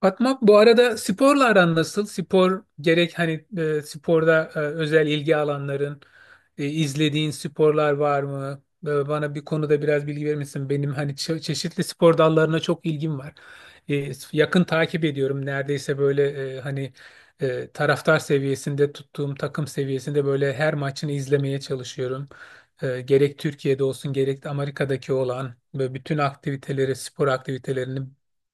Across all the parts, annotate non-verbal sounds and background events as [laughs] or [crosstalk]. Fatma bu arada sporla aran nasıl? Spor gerek hani sporda özel ilgi alanların, izlediğin sporlar var mı? Bana bir konuda biraz bilgi verir misin? Benim hani çeşitli spor dallarına çok ilgim var. Yakın takip ediyorum. Neredeyse böyle hani taraftar seviyesinde tuttuğum takım seviyesinde böyle her maçını izlemeye çalışıyorum. Gerek Türkiye'de olsun gerek de Amerika'daki olan ve bütün aktiviteleri, spor aktivitelerini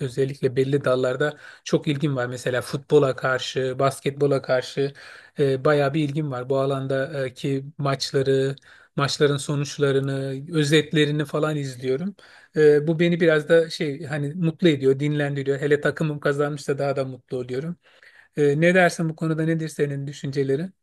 özellikle belli dallarda çok ilgim var mesela futbola karşı, basketbola karşı bayağı bir ilgim var. Bu alandaki maçları, maçların sonuçlarını, özetlerini falan izliyorum. Bu beni biraz da şey hani mutlu ediyor, dinlendiriyor. Hele takımım kazanmışsa daha da mutlu oluyorum. Ne dersin bu konuda nedir senin düşüncelerin?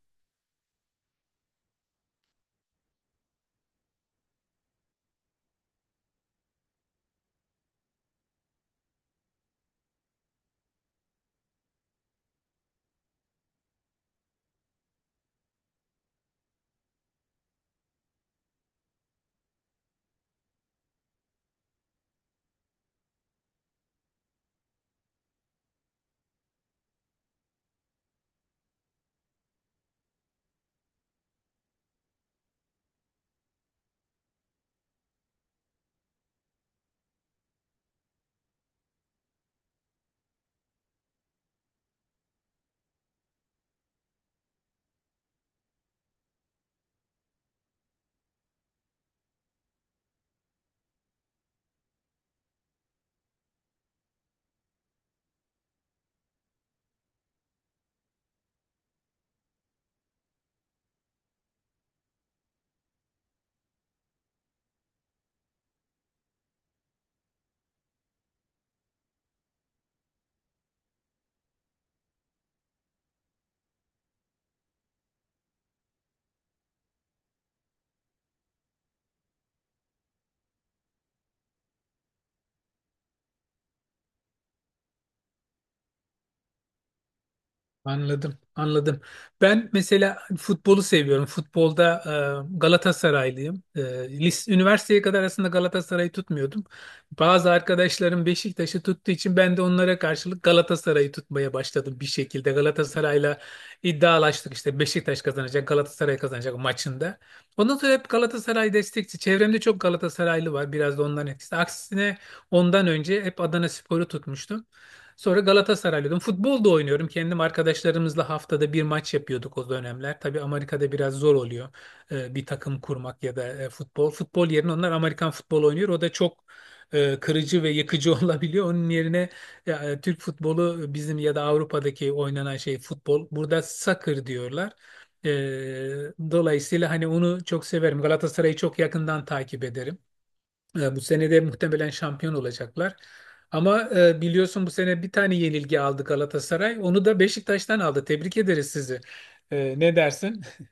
Anladım, anladım. Ben mesela futbolu seviyorum. Futbolda Galatasaraylıyım. Üniversiteye kadar aslında Galatasaray'ı tutmuyordum. Bazı arkadaşlarım Beşiktaş'ı tuttuğu için ben de onlara karşılık Galatasaray'ı tutmaya başladım bir şekilde. Galatasaray'la iddialaştık işte Beşiktaş kazanacak, Galatasaray kazanacak maçında. Ondan sonra hep Galatasaray destekçi. Çevremde çok Galatasaraylı var. Biraz da onların etkisi. Aksine ondan önce hep Adanaspor'u tutmuştum. Sonra Galatasaraylıydım. Futbol da oynuyorum. Kendim arkadaşlarımızla haftada bir maç yapıyorduk o dönemler. Tabii Amerika'da biraz zor oluyor bir takım kurmak ya da futbol. Futbol yerine onlar Amerikan futbolu oynuyor. O da çok kırıcı ve yıkıcı [laughs] olabiliyor. Onun yerine Türk futbolu bizim ya da Avrupa'daki oynanan şey futbol. Burada soccer diyorlar. E, Dolayısıyla hani onu çok severim. Galatasaray'ı çok yakından takip ederim. Bu sene de muhtemelen şampiyon olacaklar. Ama biliyorsun bu sene bir tane yenilgi aldı Galatasaray. Onu da Beşiktaş'tan aldı. Tebrik ederiz sizi. Ne dersin? [laughs]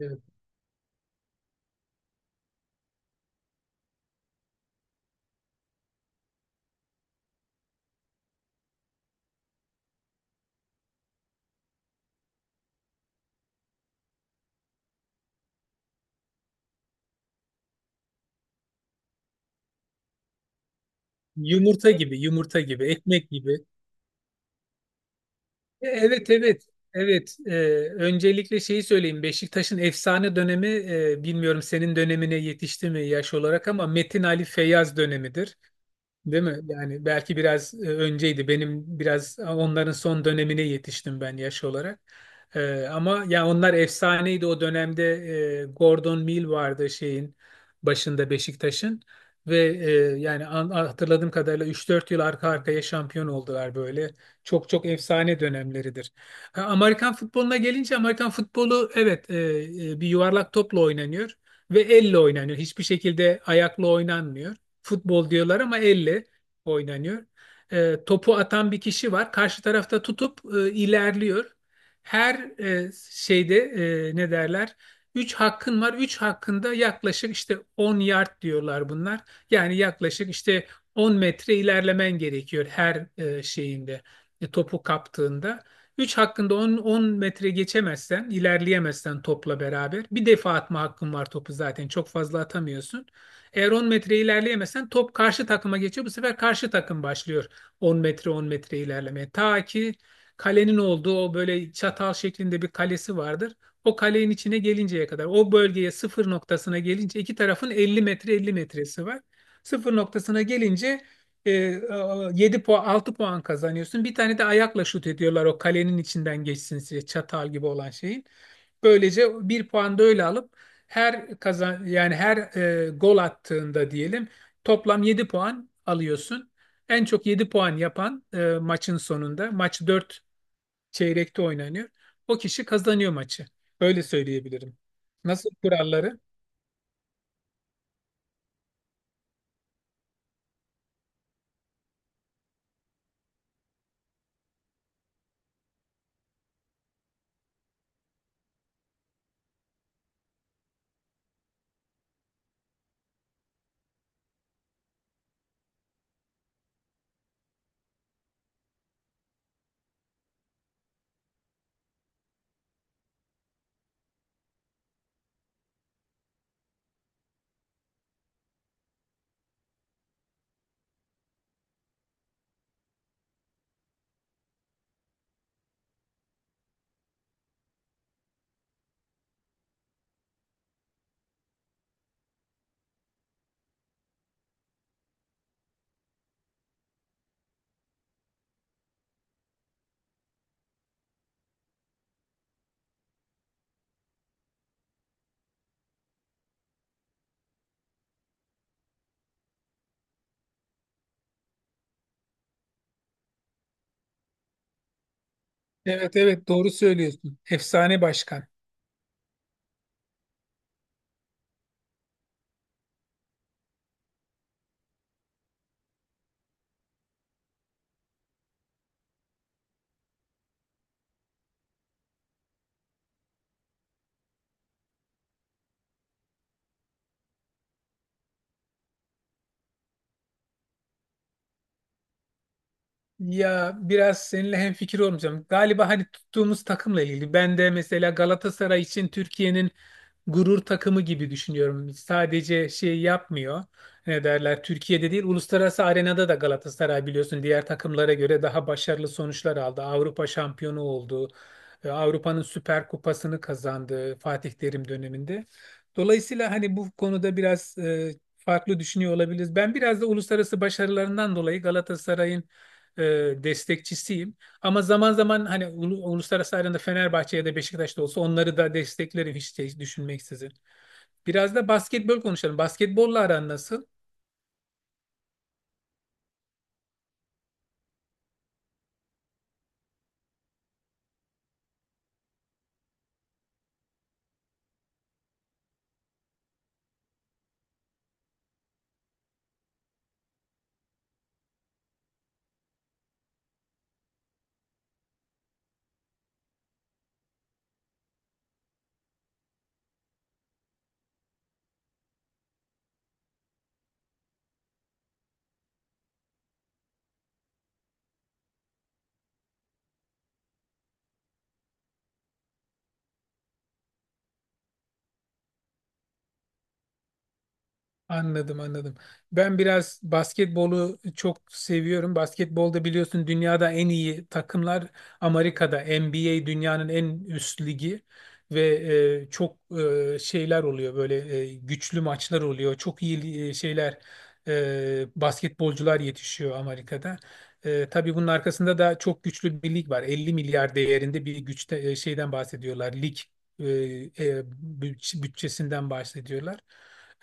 E, Yumurta gibi, yumurta gibi, ekmek gibi. Evet, evet. Evet, öncelikle şeyi söyleyeyim. Beşiktaş'ın efsane dönemi, bilmiyorum senin dönemine yetişti mi yaş olarak ama Metin Ali Feyyaz dönemidir. Değil mi? Yani belki biraz önceydi. Benim biraz onların son dönemine yetiştim ben yaş olarak. Ama ya onlar efsaneydi o dönemde. Gordon Mill vardı şeyin başında Beşiktaş'ın ve yani hatırladığım kadarıyla 3-4 yıl arka arkaya şampiyon oldular böyle. Çok çok efsane dönemleridir. Ha, Amerikan futboluna gelince Amerikan futbolu evet bir yuvarlak topla oynanıyor ve elle oynanıyor. Hiçbir şekilde ayakla oynanmıyor. Futbol diyorlar ama elle oynanıyor. Topu atan bir kişi var. Karşı tarafta tutup ilerliyor. Her şeyde ne derler? 3 hakkın var. 3 hakkında yaklaşık işte 10 yard diyorlar bunlar. Yani yaklaşık işte 10 metre ilerlemen gerekiyor her şeyinde. Topu kaptığında. 3 hakkında 10, 10 metre geçemezsen, ilerleyemezsen topla beraber. Bir defa atma hakkın var topu zaten. Çok fazla atamıyorsun. Eğer 10 metre ilerleyemezsen top karşı takıma geçiyor. Bu sefer karşı takım başlıyor 10 metre 10 metre ilerlemeye. Ta ki kalenin olduğu o böyle çatal şeklinde bir kalesi vardır. O kalenin içine gelinceye kadar o bölgeye sıfır noktasına gelince iki tarafın 50 metre 50 metresi var. Sıfır noktasına gelince 7 puan 6 puan kazanıyorsun. Bir tane de ayakla şut ediyorlar o kalenin içinden geçsin diye çatal gibi olan şeyin. Böylece bir puan da öyle alıp her kazan yani her gol attığında diyelim toplam 7 puan alıyorsun. En çok 7 puan yapan maçın sonunda maç 4 çeyrekte oynanıyor. O kişi kazanıyor maçı. Öyle söyleyebilirim. Nasıl kuralları? Evet evet doğru söylüyorsun. Efsane başkan. Ya biraz seninle hemfikir olmayacağım. Galiba hani tuttuğumuz takımla ilgili. Ben de mesela Galatasaray için Türkiye'nin gurur takımı gibi düşünüyorum. Sadece şey yapmıyor. Ne derler? Türkiye'de değil, uluslararası arenada da Galatasaray biliyorsun diğer takımlara göre daha başarılı sonuçlar aldı. Avrupa şampiyonu oldu. Avrupa'nın Süper Kupası'nı kazandı Fatih Terim döneminde. Dolayısıyla hani bu konuda biraz farklı düşünüyor olabiliriz. Ben biraz da uluslararası başarılarından dolayı Galatasaray'ın e, destekçisiyim. Ama zaman zaman hani uluslararası arenada Fenerbahçe ya da Beşiktaş'ta olsa onları da desteklerim hiç şey düşünmeksizin. Biraz da basketbol konuşalım. Basketbolla aran nasıl? Anladım anladım. Ben biraz basketbolu çok seviyorum. Basketbolda biliyorsun dünyada en iyi takımlar Amerika'da. NBA dünyanın en üst ligi ve çok şeyler oluyor böyle güçlü maçlar oluyor. Çok iyi şeyler basketbolcular yetişiyor Amerika'da. Tabii bunun arkasında da çok güçlü bir lig var. 50 milyar değerinde bir güçte şeyden bahsediyorlar. Lig e, e, bütçesinden bahsediyorlar.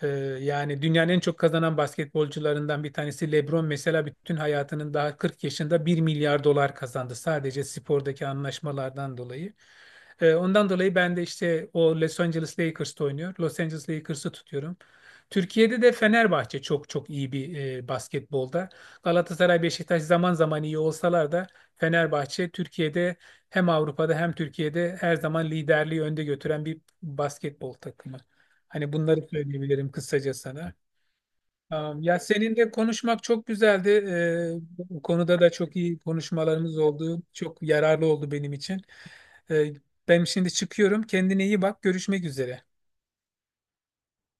Ee, Yani dünyanın en çok kazanan basketbolcularından bir tanesi LeBron mesela bütün hayatının daha 40 yaşında 1 milyar dolar kazandı sadece spordaki anlaşmalardan dolayı. Ondan dolayı ben de işte o Los Angeles Lakers'ta oynuyor. Los Angeles Lakers'ı tutuyorum. Türkiye'de de Fenerbahçe çok çok iyi bir basketbolda. Galatasaray, Beşiktaş zaman zaman iyi olsalar da Fenerbahçe Türkiye'de hem Avrupa'da hem Türkiye'de her zaman liderliği önde götüren bir basketbol takımı. Hani bunları söyleyebilirim kısaca sana. Tamam. Ya seninle konuşmak çok güzeldi. Bu konuda da çok iyi konuşmalarımız oldu. Çok yararlı oldu benim için. Ee, Ben şimdi çıkıyorum. Kendine iyi bak. Görüşmek üzere.